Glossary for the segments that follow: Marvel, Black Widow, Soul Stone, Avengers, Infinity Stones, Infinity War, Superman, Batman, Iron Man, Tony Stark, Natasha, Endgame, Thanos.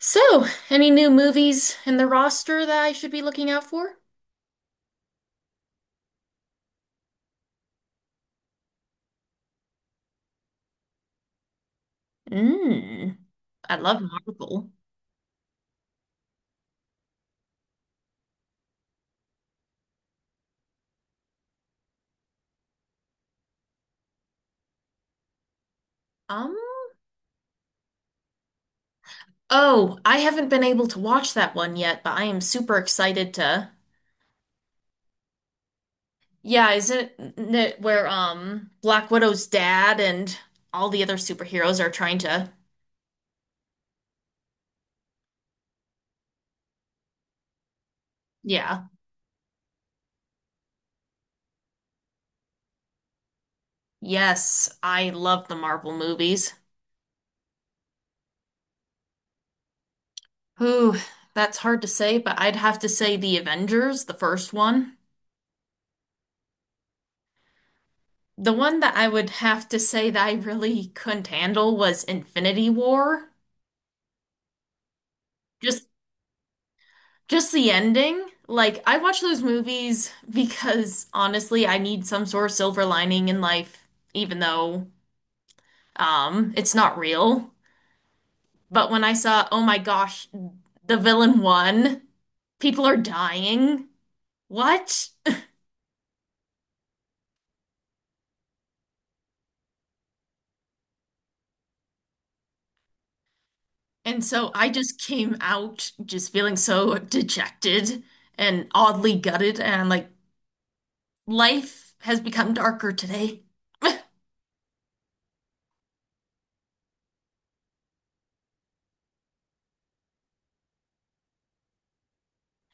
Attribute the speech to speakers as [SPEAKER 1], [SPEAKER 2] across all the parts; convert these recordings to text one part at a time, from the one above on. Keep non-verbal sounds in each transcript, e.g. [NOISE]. [SPEAKER 1] So, any new movies in the roster that I should be looking out for? Mm. Um, oh, I haven't been able to watch that one yet, but I am super excited to. Yeah, is it where Black Widow's dad and all the other superheroes are trying to? Yeah. Yes, I love the Marvel movies. Whew, that's hard to say, but I'd have to say the Avengers, the first one. The one that I would have to say that I really couldn't handle was Infinity War. Just just the ending. Like I watch those movies because honestly, I need some sort of silver lining in life, even though it's not real. But when I saw, oh my gosh, the villain won, people are dying. What? And so I just came out just feeling so dejected and oddly gutted and like life has become darker today.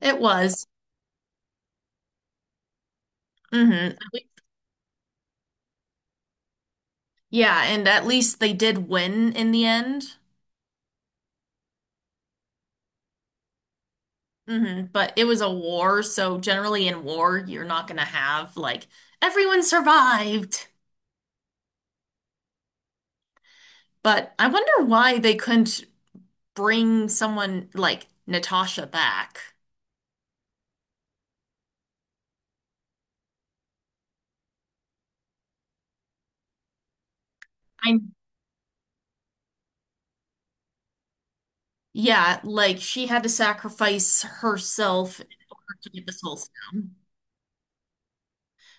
[SPEAKER 1] It was. Hmm, yeah, and at least they did win in the end. Hmm. But it was a war, so generally in war, you're not gonna have like everyone survived. But I wonder why they couldn't bring someone like Natasha back. I Yeah, like she had to sacrifice herself in order to get the Soul Stone.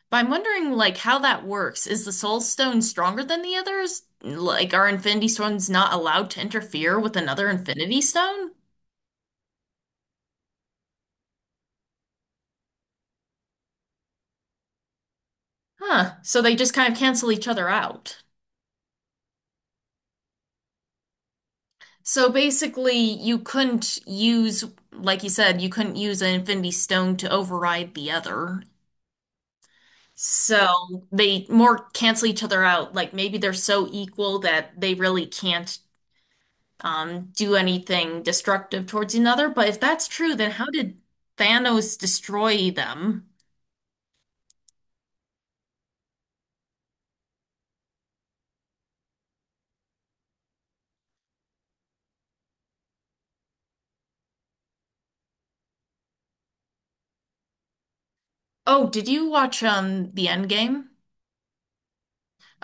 [SPEAKER 1] But I'm wondering like how that works. Is the Soul Stone stronger than the others? Like are Infinity Stones not allowed to interfere with another Infinity Stone? Huh. So they just kind of cancel each other out. So basically, you couldn't use, like you said, you couldn't use an Infinity Stone to override the other. So they more cancel each other out. Like maybe they're so equal that they really can't do anything destructive towards another. But if that's true, then how did Thanos destroy them? Oh, did you watch the Endgame?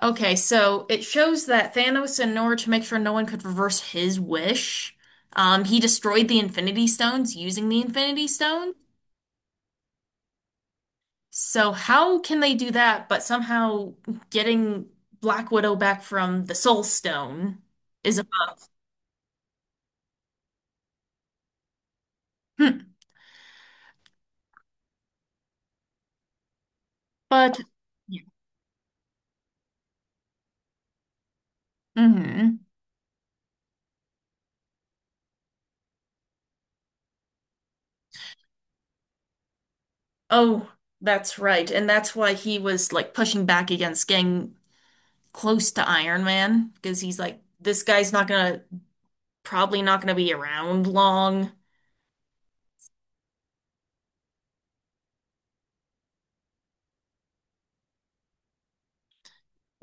[SPEAKER 1] Okay, so it shows that Thanos, in order to make sure no one could reverse his wish, he destroyed the Infinity Stones using the Infinity Stone. So how can they do that, but somehow getting Black Widow back from the Soul Stone is a hmm. But yeah. Hmm. Oh, that's right, and that's why he was like pushing back against getting close to Iron Man because he's like, this guy's not gonna probably not gonna be around long.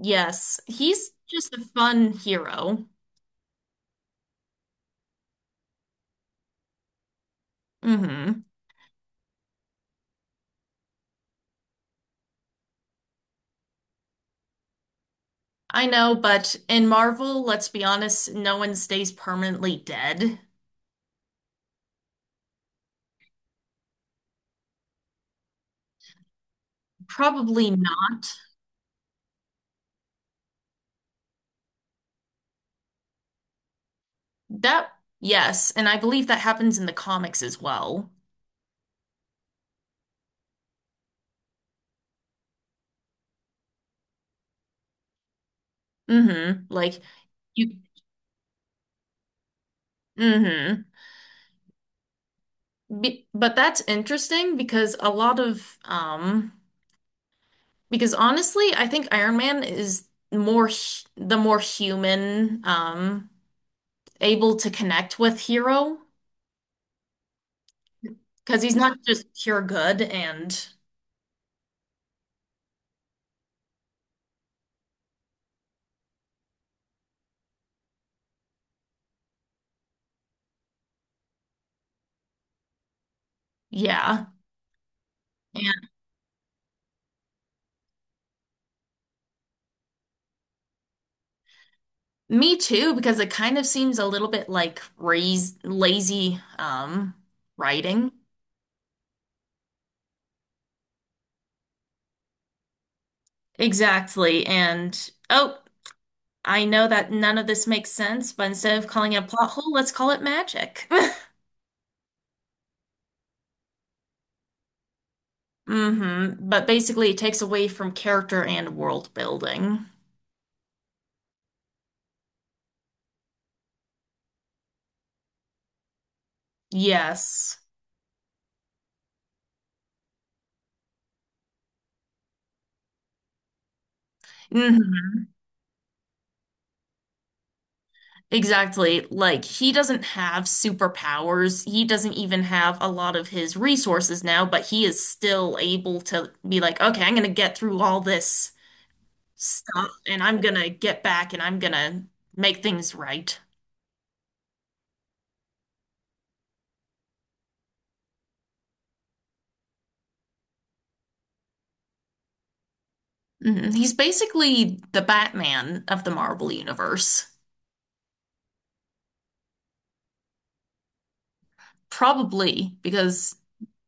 [SPEAKER 1] Yes, he's just a fun hero. Hmm. I know, but in Marvel, let's be honest, no one stays permanently dead. Probably not. That, yes, and I believe that happens in the comics as well. Hmm. Like you, hmm. Be but that's interesting because a lot of, because honestly, I think Iron Man is the more human, able to connect with hero. Because he's not just pure good and yeah. And me too, because it kind of seems a little bit like raz lazy writing. Exactly. And oh, I know that none of this makes sense, but instead of calling it a plot hole, let's call it magic. [LAUGHS] Hmm. But basically it takes away from character and world building. Yes. Hmm. Exactly. Like, he doesn't have superpowers. He doesn't even have a lot of his resources now, but he is still able to be like, okay, I'm gonna get through all this stuff and I'm gonna get back and I'm gonna make things right. Mhm. He's basically the Batman of the Marvel Universe. Probably, because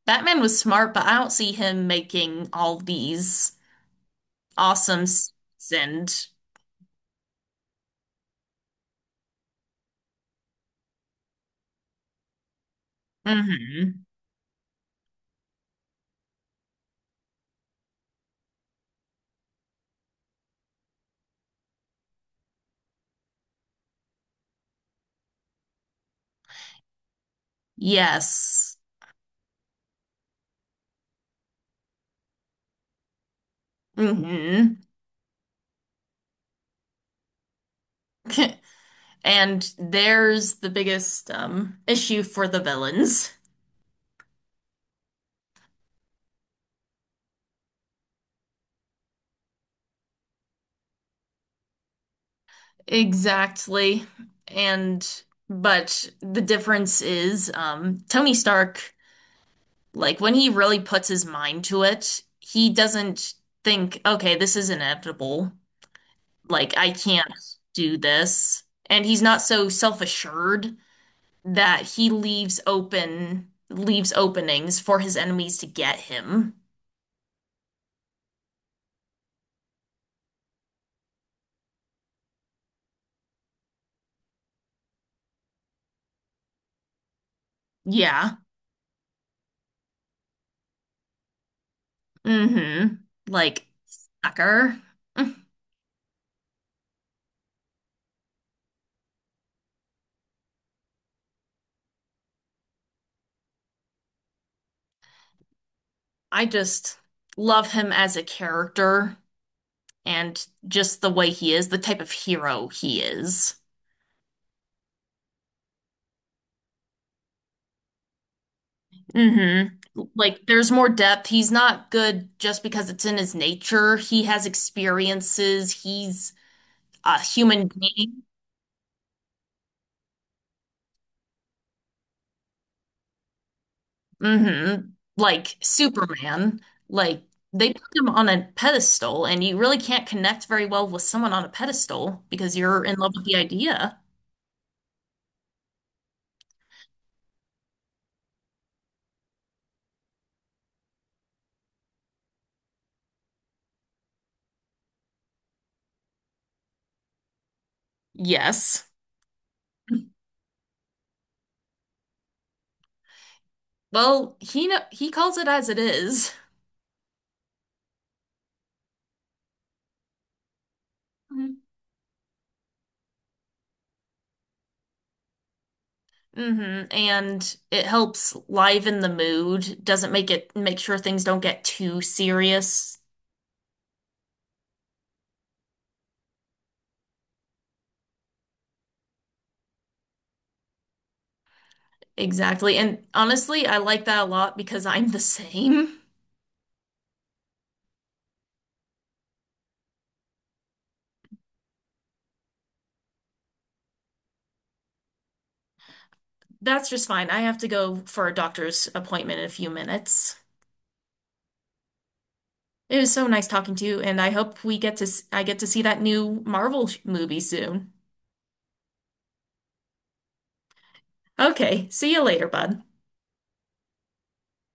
[SPEAKER 1] Batman was smart, but I don't see him making all these awesome s- and. Hmm. Yes. Hmm. [LAUGHS] And there's the biggest issue for the villains. Exactly. And but the difference is Tony Stark, like when he really puts his mind to it, he doesn't think, okay, this is inevitable. Like I can't do this. And he's not so self-assured that he leaves openings for his enemies to get him. Yeah. Mm-hmm. Like, sucker. Mm-hmm. I just love him as a character and just the way he is, the type of hero he is. Mm-hmm. Like, there's more depth. He's not good just because it's in his nature. He has experiences. He's a human being. Mm-hmm. Like Superman. Like, they put him on a pedestal, and you really can't connect very well with someone on a pedestal because you're in love with the idea. Yes. Well, he know he calls it as it Mhm. Mm-hmm. And it helps liven the mood, doesn't make it make sure things don't get too serious. Exactly. And honestly, I like that a lot because I'm the same. That's just fine. I have to go for a doctor's appointment in a few minutes. It was so nice talking to you, and I hope we get to I get to see that new Marvel movie soon. Okay, see you later, bud.